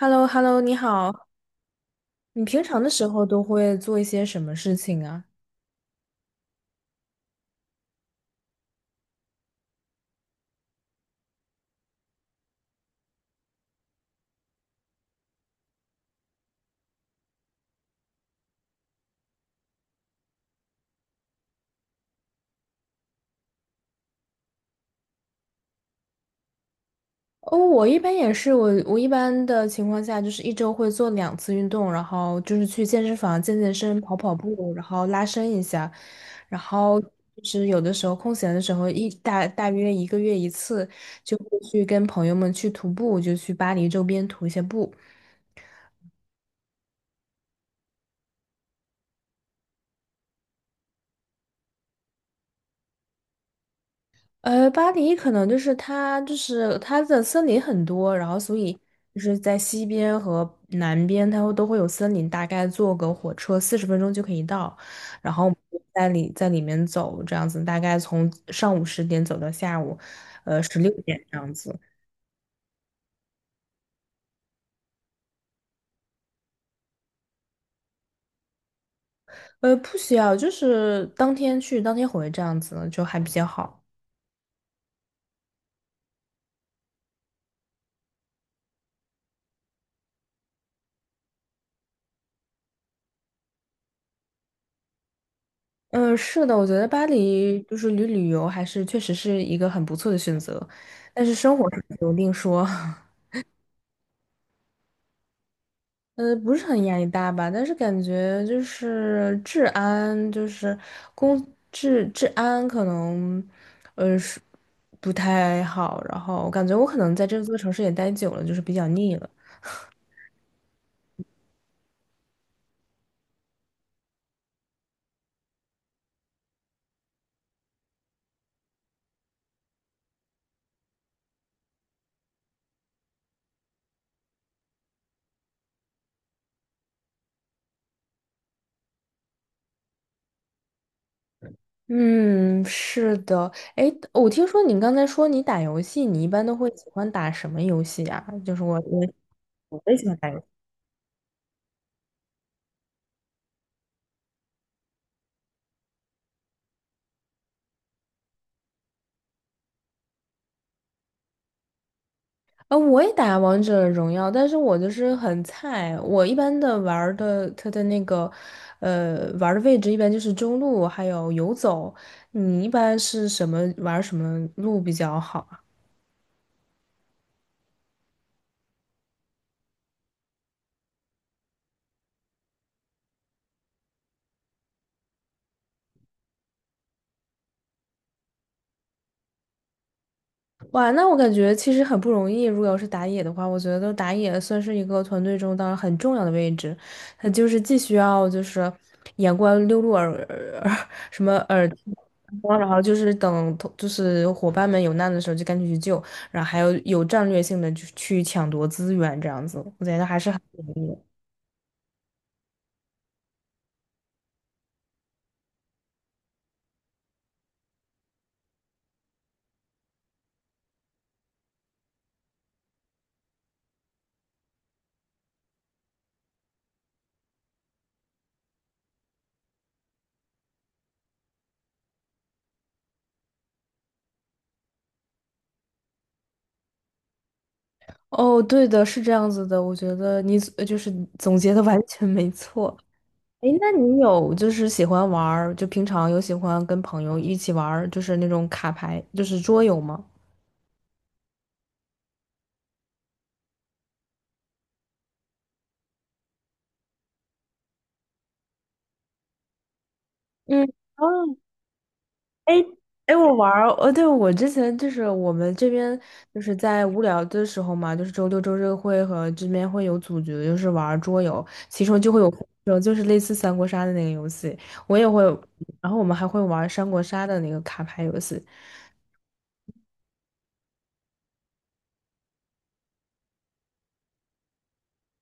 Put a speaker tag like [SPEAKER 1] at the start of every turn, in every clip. [SPEAKER 1] h e l l o h e l l o 你好。你平常的时候都会做一些什么事情啊？哦，我一般也是，我一般的情况下就是一周会做两次运动，然后就是去健身房健健身、跑跑步，然后拉伸一下，然后就是有的时候空闲的时候大约一个月一次，就会去跟朋友们去徒步，就去巴黎周边徒一些步。巴黎可能就是它的森林很多，然后所以就是在西边和南边，都会有森林，大概坐个火车40分钟就可以到。然后我们就在里面走，这样子大概从上午10点走到下午，16点这样子。不需要，就是当天去当天回这样子就还比较好。嗯，是的，我觉得巴黎就是旅游还是确实是一个很不错的选择，但是生活上有另说。不是很压力大吧，但是感觉就是治安，就是公治安可能，是不太好。然后我感觉我可能在这座城市也待久了，就是比较腻了。嗯，是的。哎，我听说你刚才说你打游戏，你一般都会喜欢打什么游戏啊？就是我也喜欢打游戏啊，我也打王者荣耀，但是我就是很菜。我一般的玩儿的，他的那个，玩儿的位置一般就是中路，还有游走。你一般是什么玩儿什么路比较好啊？哇，那我感觉其实很不容易。如果要是打野的话，我觉得打野算是一个团队中当然很重要的位置，他就是既需要就是眼观六路耳耳什么耳听光，然后就是等同就是伙伴们有难的时候就赶紧去救，然后还有战略性的去抢夺资源这样子，我觉得还是很不容易的。哦，对的，是这样子的，我觉得你就是总结的完全没错。哎，那你有就是喜欢玩儿，就平常有喜欢跟朋友一起玩儿，就是那种卡牌，就是桌游吗？嗯，哦，哎哎，我玩儿，对，我之前就是我们这边就是在无聊的时候嘛，就是周六周日会和这边会有组局，就是玩儿桌游，其中就会有分手就是类似三国杀的那个游戏，我也会，然后我们还会玩儿三国杀的那个卡牌游戏。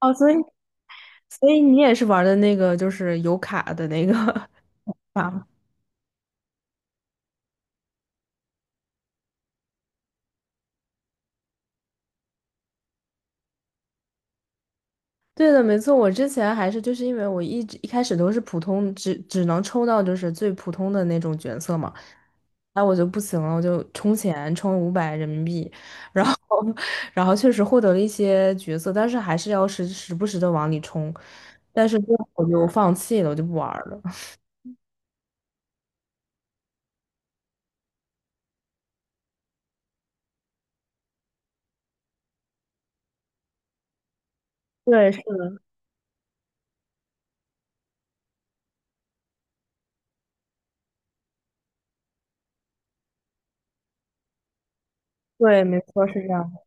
[SPEAKER 1] 哦，所以你也是玩儿的那个就是有卡的那个 吗？对的，没错。我之前还是就是因为我一直一开始都是普通，只能抽到就是最普通的那种角色嘛，那我就不行了，我就充钱充500人民币，然后 然后确实获得了一些角色，但是还是要时不时的往里充，但是最后我就放弃了，我就不玩儿了。对，是的，对，没错，是这样的。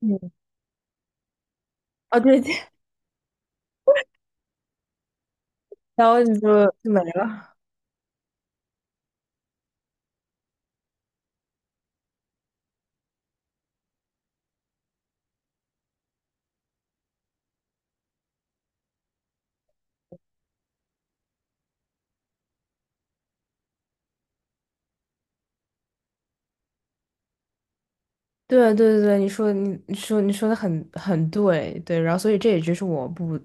[SPEAKER 1] 嗯，啊，对，然后你就没了。对对对，对，你说的很对，对，然后所以这也就是我不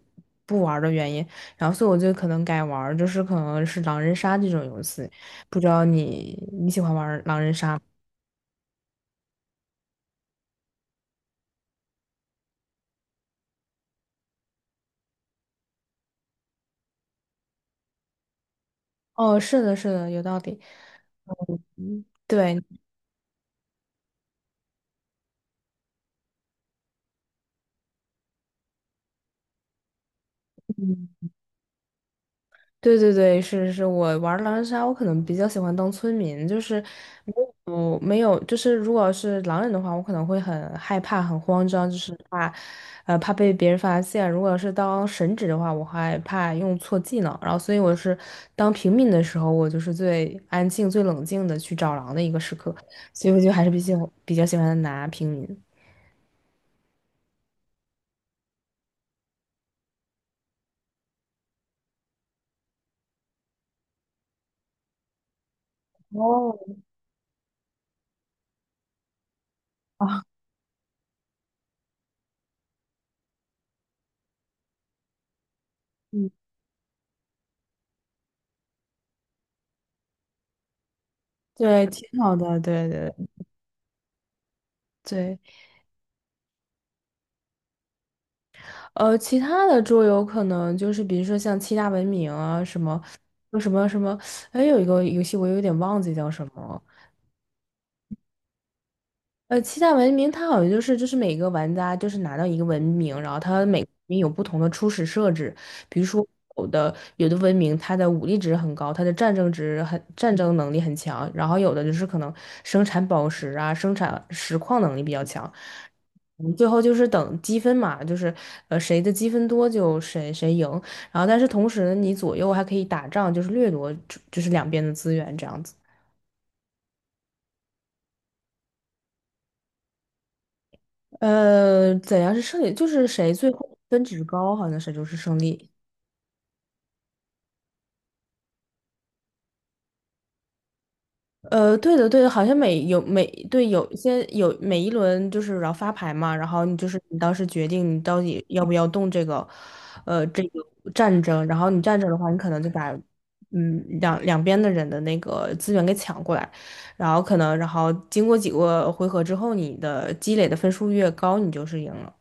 [SPEAKER 1] 不玩儿的原因，然后所以我就可能改玩儿，就是可能是狼人杀这种游戏，不知道你喜欢玩儿狼人杀吗？哦，是的，是的，有道理。嗯，对，对对对，是是是我玩狼人杀，我可能比较喜欢当村民，就是没有没有，就是如果是狼人的话，我可能会很害怕、很慌张，就是怕，怕被别人发现。如果是当神职的话，我害怕用错技能，然后所以我是当平民的时候，我就是最安静、最冷静的去找狼的一个时刻，所以我就还是比较喜欢拿平民。哦，啊，嗯，对，挺好的，对对对。其他的桌游可能就是比如说像七大文明啊，什么什么什么，哎，有一个游戏我有点忘记叫什么，七大文明它好像就是每个玩家就是拿到一个文明，然后它每个文明有不同的初始设置，比如说有的文明它的武力值很高，它的战争能力很强，然后有的就是可能生产宝石啊，生产石矿能力比较强。嗯最后就是等积分嘛，就是谁的积分多就谁赢，然后但是同时你左右还可以打仗，就是掠夺就是两边的资源这样子。怎样是胜利？就是谁最后分值高，好像谁就是胜利。对的，对的，好像每有每对有一些有每一轮就是然后发牌嘛，然后你就是你当时决定你到底要不要动这个，这个战争，然后你战争的话，你可能就把两边的人的那个资源给抢过来，然后可能然后经过几个回合之后，你的积累的分数越高，你就是赢了。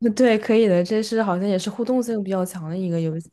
[SPEAKER 1] 对，可以的，这是好像也是互动性比较强的一个游戏。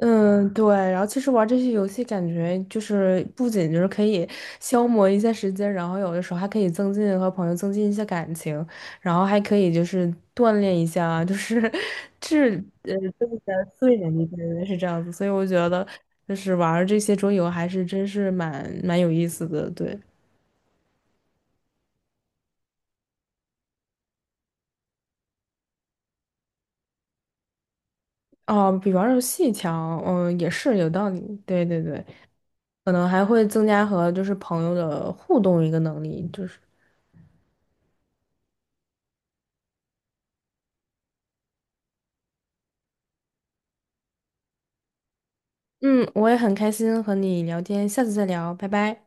[SPEAKER 1] 嗯，对，然后其实玩这些游戏，感觉就是不仅就是可以消磨一下时间，然后有的时候还可以增进和朋友增进一些感情，然后还可以就是锻炼一下啊，就是 增加的睡眠，对是这样子。所以我觉得就是玩这些桌游还是真是蛮有意思的，对。哦，比玩儿游戏强，嗯，也是有道理，对对对，可能还会增加和就是朋友的互动一个能力，就是。嗯，我也很开心和你聊天，下次再聊，拜拜。